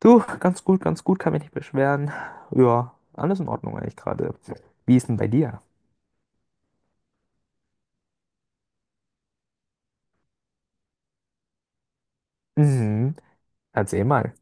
Du, ganz gut, kann mich nicht beschweren. Ja, alles in Ordnung eigentlich gerade. Wie ist denn bei dir? Mhm, erzähl mal.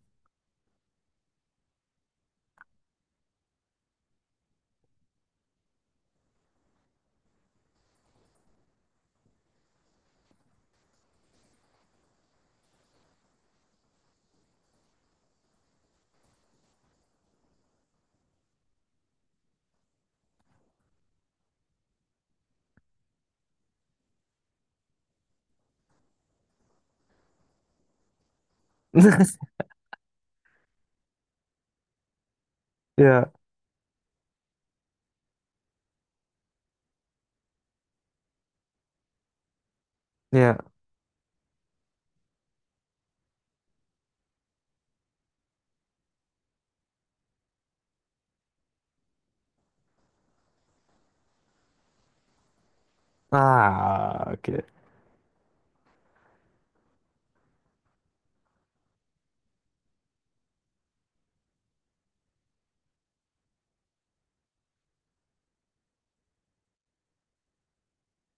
Ja, ja. Ah, okay.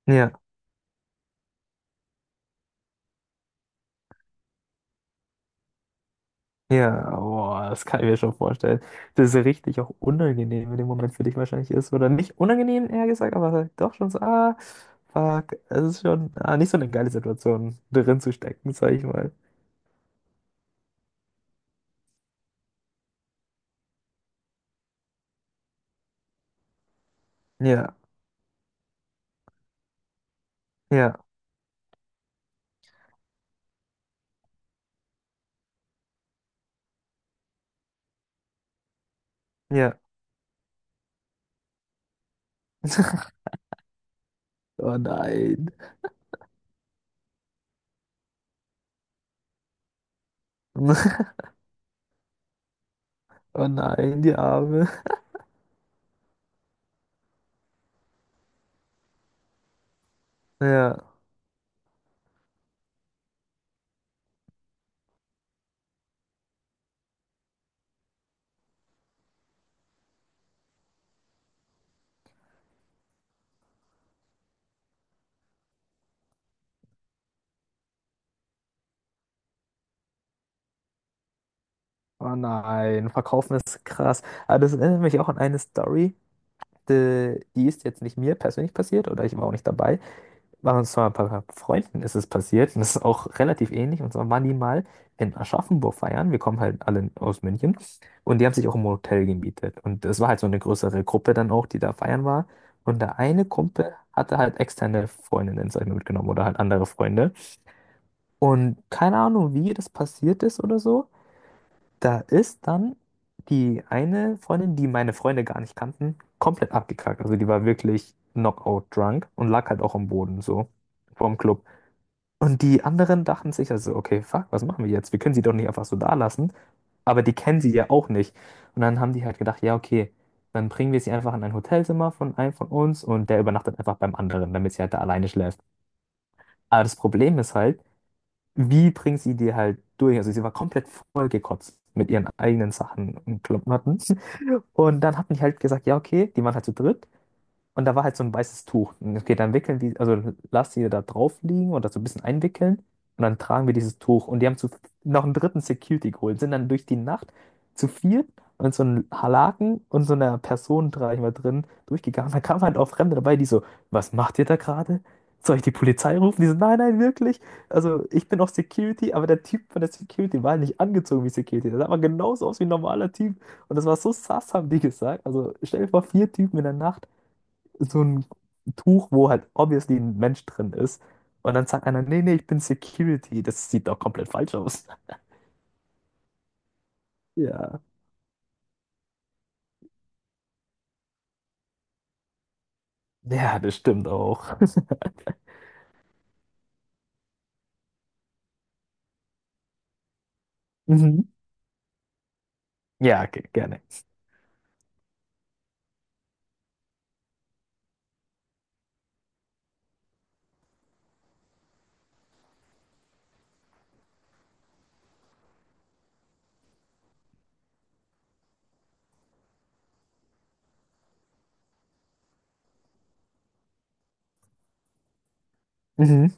Ja, ja, boah, das kann ich mir schon vorstellen. Das ist richtig auch unangenehm in dem Moment für dich wahrscheinlich ist. Oder nicht unangenehm, eher gesagt, aber halt doch schon so, ah, fuck, es ist schon ah, nicht so eine geile Situation, drin zu stecken, sag ich mal. Ja, ja, ja. Oh nein. Oh nein, die Arme. Ja. Oh nein, verkaufen ist krass. Aber das erinnert mich auch an eine Story, die ist jetzt nicht mir persönlich passiert oder ich war auch nicht dabei. War uns zwar ein paar Freunden ist es passiert und das ist auch relativ ähnlich. Und zwar waren die mal in Aschaffenburg feiern. Wir kommen halt alle aus München und die haben sich auch im Hotel gemietet. Und es war halt so eine größere Gruppe dann auch, die da feiern war. Und der eine Kumpel hatte halt externe Freundinnen, sag ich mal, mitgenommen oder halt andere Freunde. Und keine Ahnung, wie das passiert ist oder so. Da ist dann die eine Freundin, die meine Freunde gar nicht kannten, komplett abgekackt. Also die war wirklich knockout drunk und lag halt auch am Boden so vorm Club. Und die anderen dachten sich also, okay, fuck, was machen wir jetzt? Wir können sie doch nicht einfach so da lassen. Aber die kennen sie ja auch nicht. Und dann haben die halt gedacht, ja, okay, dann bringen wir sie einfach in ein Hotelzimmer von einem von uns und der übernachtet einfach beim anderen, damit sie halt da alleine schläft. Aber das Problem ist halt, wie bringt sie die halt durch? Also sie war komplett vollgekotzt mit ihren eigenen Sachen und Klamotten. Und dann hat mich halt gesagt, ja, okay, die waren halt zu dritt. Und da war halt so ein weißes Tuch. Und okay, dann wickeln die, also lass die da drauf liegen oder so ein bisschen einwickeln. Und dann tragen wir dieses Tuch. Und die haben noch einen dritten Security geholt, sind dann durch die Nacht zu viert und so einem Halaken und so einer Person, sag ich mal, drin durchgegangen. Da kamen halt auch Fremde dabei, die so, was macht ihr da gerade? Soll ich die Polizei rufen? Die so, nein, nein, wirklich. Also ich bin auch Security, aber der Typ von der Security war halt nicht angezogen wie Security. Der sah aber genauso aus wie ein normaler Typ. Und das war so sass, haben die gesagt. Also stell dir vor, vier Typen in der Nacht so ein Tuch, wo halt obviously ein Mensch drin ist. Und dann sagt einer, nee, nee, ich bin Security. Das sieht doch komplett falsch aus. Ja. Ja, das stimmt auch. Mhm. Ja, gerne. Mhm.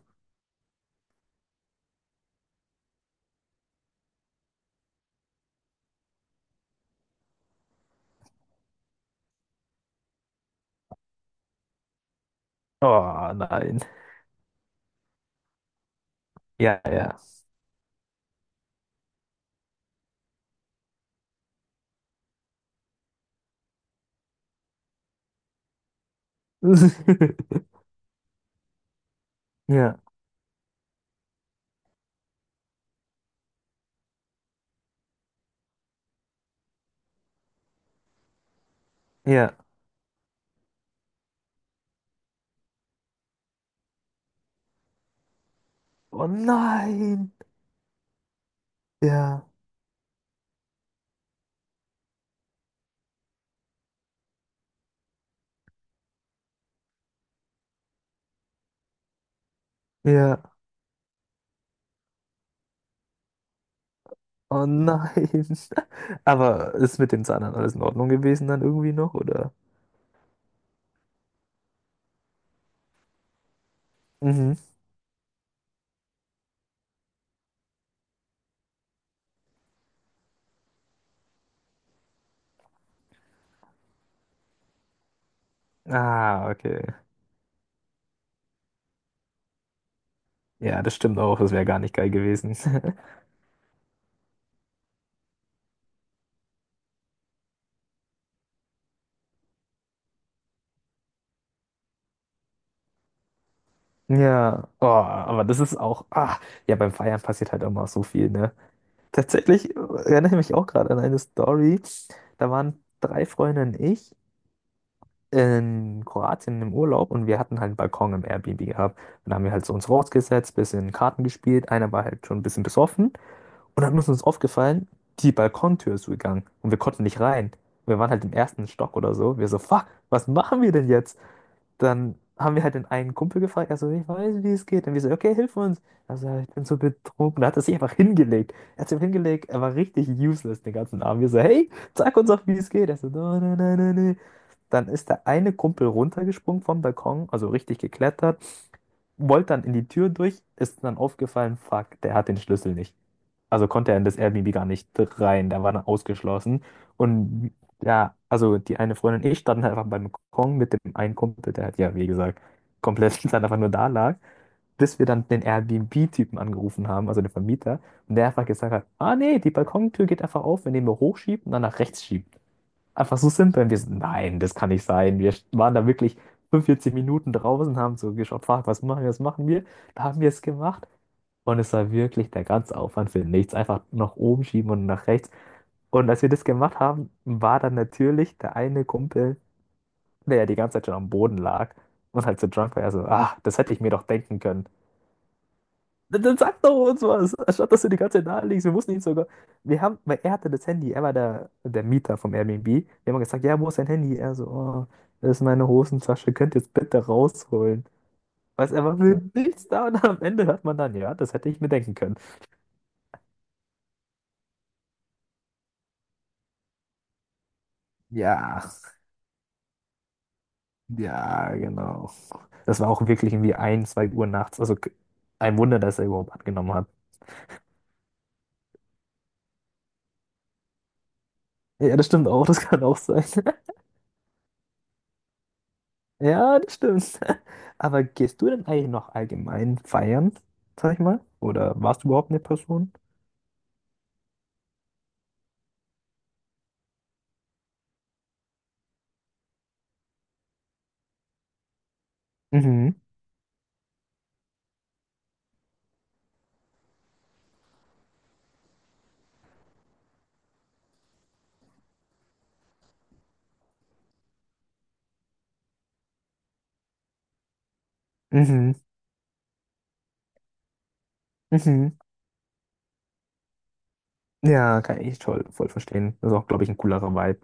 Oh nein. Ja, ja. Ja, ja. Oh nein. Ja, ja. Oh nein. Aber ist mit den Zahnern alles in Ordnung gewesen dann irgendwie noch, oder? Mhm. Ah, okay. Ja, das stimmt auch. Das wäre gar nicht geil gewesen. Ja, oh, aber das ist auch, ah, ja, beim Feiern passiert halt auch mal so viel, ne? Tatsächlich erinnere ich mich auch gerade an eine Story. Da waren drei Freunde und ich in Kroatien im Urlaub und wir hatten halt einen Balkon im Airbnb gehabt. Und da haben wir halt so uns rausgesetzt, bisschen Karten gespielt. Einer war halt schon ein bisschen besoffen und dann ist uns aufgefallen, die Balkontür ist gegangen und wir konnten nicht rein. Wir waren halt im ersten Stock oder so. Wir so, fuck, was machen wir denn jetzt? Dann haben wir halt den einen Kumpel gefragt, also ich weiß, wie es geht. Und wir so, okay, hilf uns. Also, ich bin so betrunken. Da hat er sich einfach hingelegt. Er hat sich einfach hingelegt, er war richtig useless den ganzen Abend. Wir so, hey, sag uns doch, wie es geht. Er so, no, no, no, no, no. Dann ist der eine Kumpel runtergesprungen vom Balkon, also richtig geklettert, wollte dann in die Tür durch, ist dann aufgefallen, fuck, der hat den Schlüssel nicht, also konnte er in das Airbnb gar nicht rein, da war er ausgeschlossen. Und ja, also die eine Freundin und ich standen halt einfach beim Balkon mit dem einen Kumpel, der halt, ja, wie gesagt, komplett dann einfach nur da lag, bis wir dann den Airbnb-Typen angerufen haben, also den Vermieter, und der einfach gesagt hat, ah nee, die Balkontür geht einfach auf, wenn ihr mir hochschiebt und dann nach rechts schiebt. Einfach so simpel. Und wir so, nein, das kann nicht sein. Wir waren da wirklich 45 Minuten draußen, haben so geschaut, fuck, was machen wir, was machen wir? Da haben wir es gemacht. Und es war wirklich der ganze Aufwand für nichts. Einfach nach oben schieben und nach rechts. Und als wir das gemacht haben, war dann natürlich der eine Kumpel, der ja die ganze Zeit schon am Boden lag und halt so drunk war, er so, ah, das hätte ich mir doch denken können. Dann sag doch uns was, anstatt dass du die ganze Zeit da liegst. Wir mussten ihn sogar. Wir haben, weil er hatte das Handy, er war der Mieter vom Airbnb. Wir haben ihm gesagt, ja, wo ist dein Handy? Er so, oh, das ist meine Hosentasche, könnt ihr es bitte rausholen. Weißt du, er war für nichts da und am Ende hört man dann, ja, das hätte ich mir denken können. Ja. Ja, genau. Das war auch wirklich irgendwie ein, zwei Uhr nachts. Ein Wunder, dass er überhaupt angenommen hat. Ja, das stimmt auch, das kann auch sein. Ja, das stimmt. Aber gehst du denn eigentlich noch allgemein feiern, sag ich mal? Oder warst du überhaupt eine Person? Mhm, mhm, mhm. Ja, kann ich toll, voll verstehen. Das ist auch, glaube ich, ein coolerer Vibe.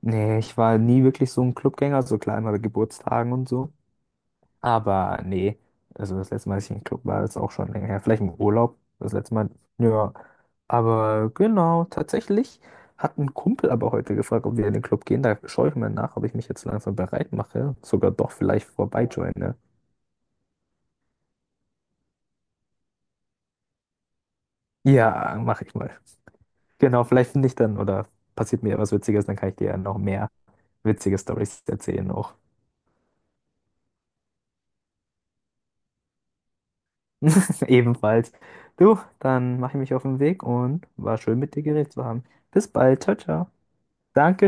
Nee, ich war nie wirklich so ein Clubgänger, so klar immer bei Geburtstagen und so. Aber nee, also das letzte Mal, dass ich im Club war, ist auch schon länger her. Vielleicht im Urlaub, das letzte Mal. Ja, aber genau, tatsächlich hat ein Kumpel aber heute gefragt, ob wir in den Club gehen. Da schaue ich mal nach, ob ich mich jetzt langsam bereit mache. Sogar doch vielleicht vorbeijoine. Ja, mache ich mal. Genau, vielleicht finde ich dann oder passiert mir was Witziges, dann kann ich dir ja noch mehr witzige Stories erzählen auch. Ebenfalls. Du, dann mache ich mich auf den Weg und war schön mit dir geredet zu haben. Bis bald. Ciao, ciao. Danke.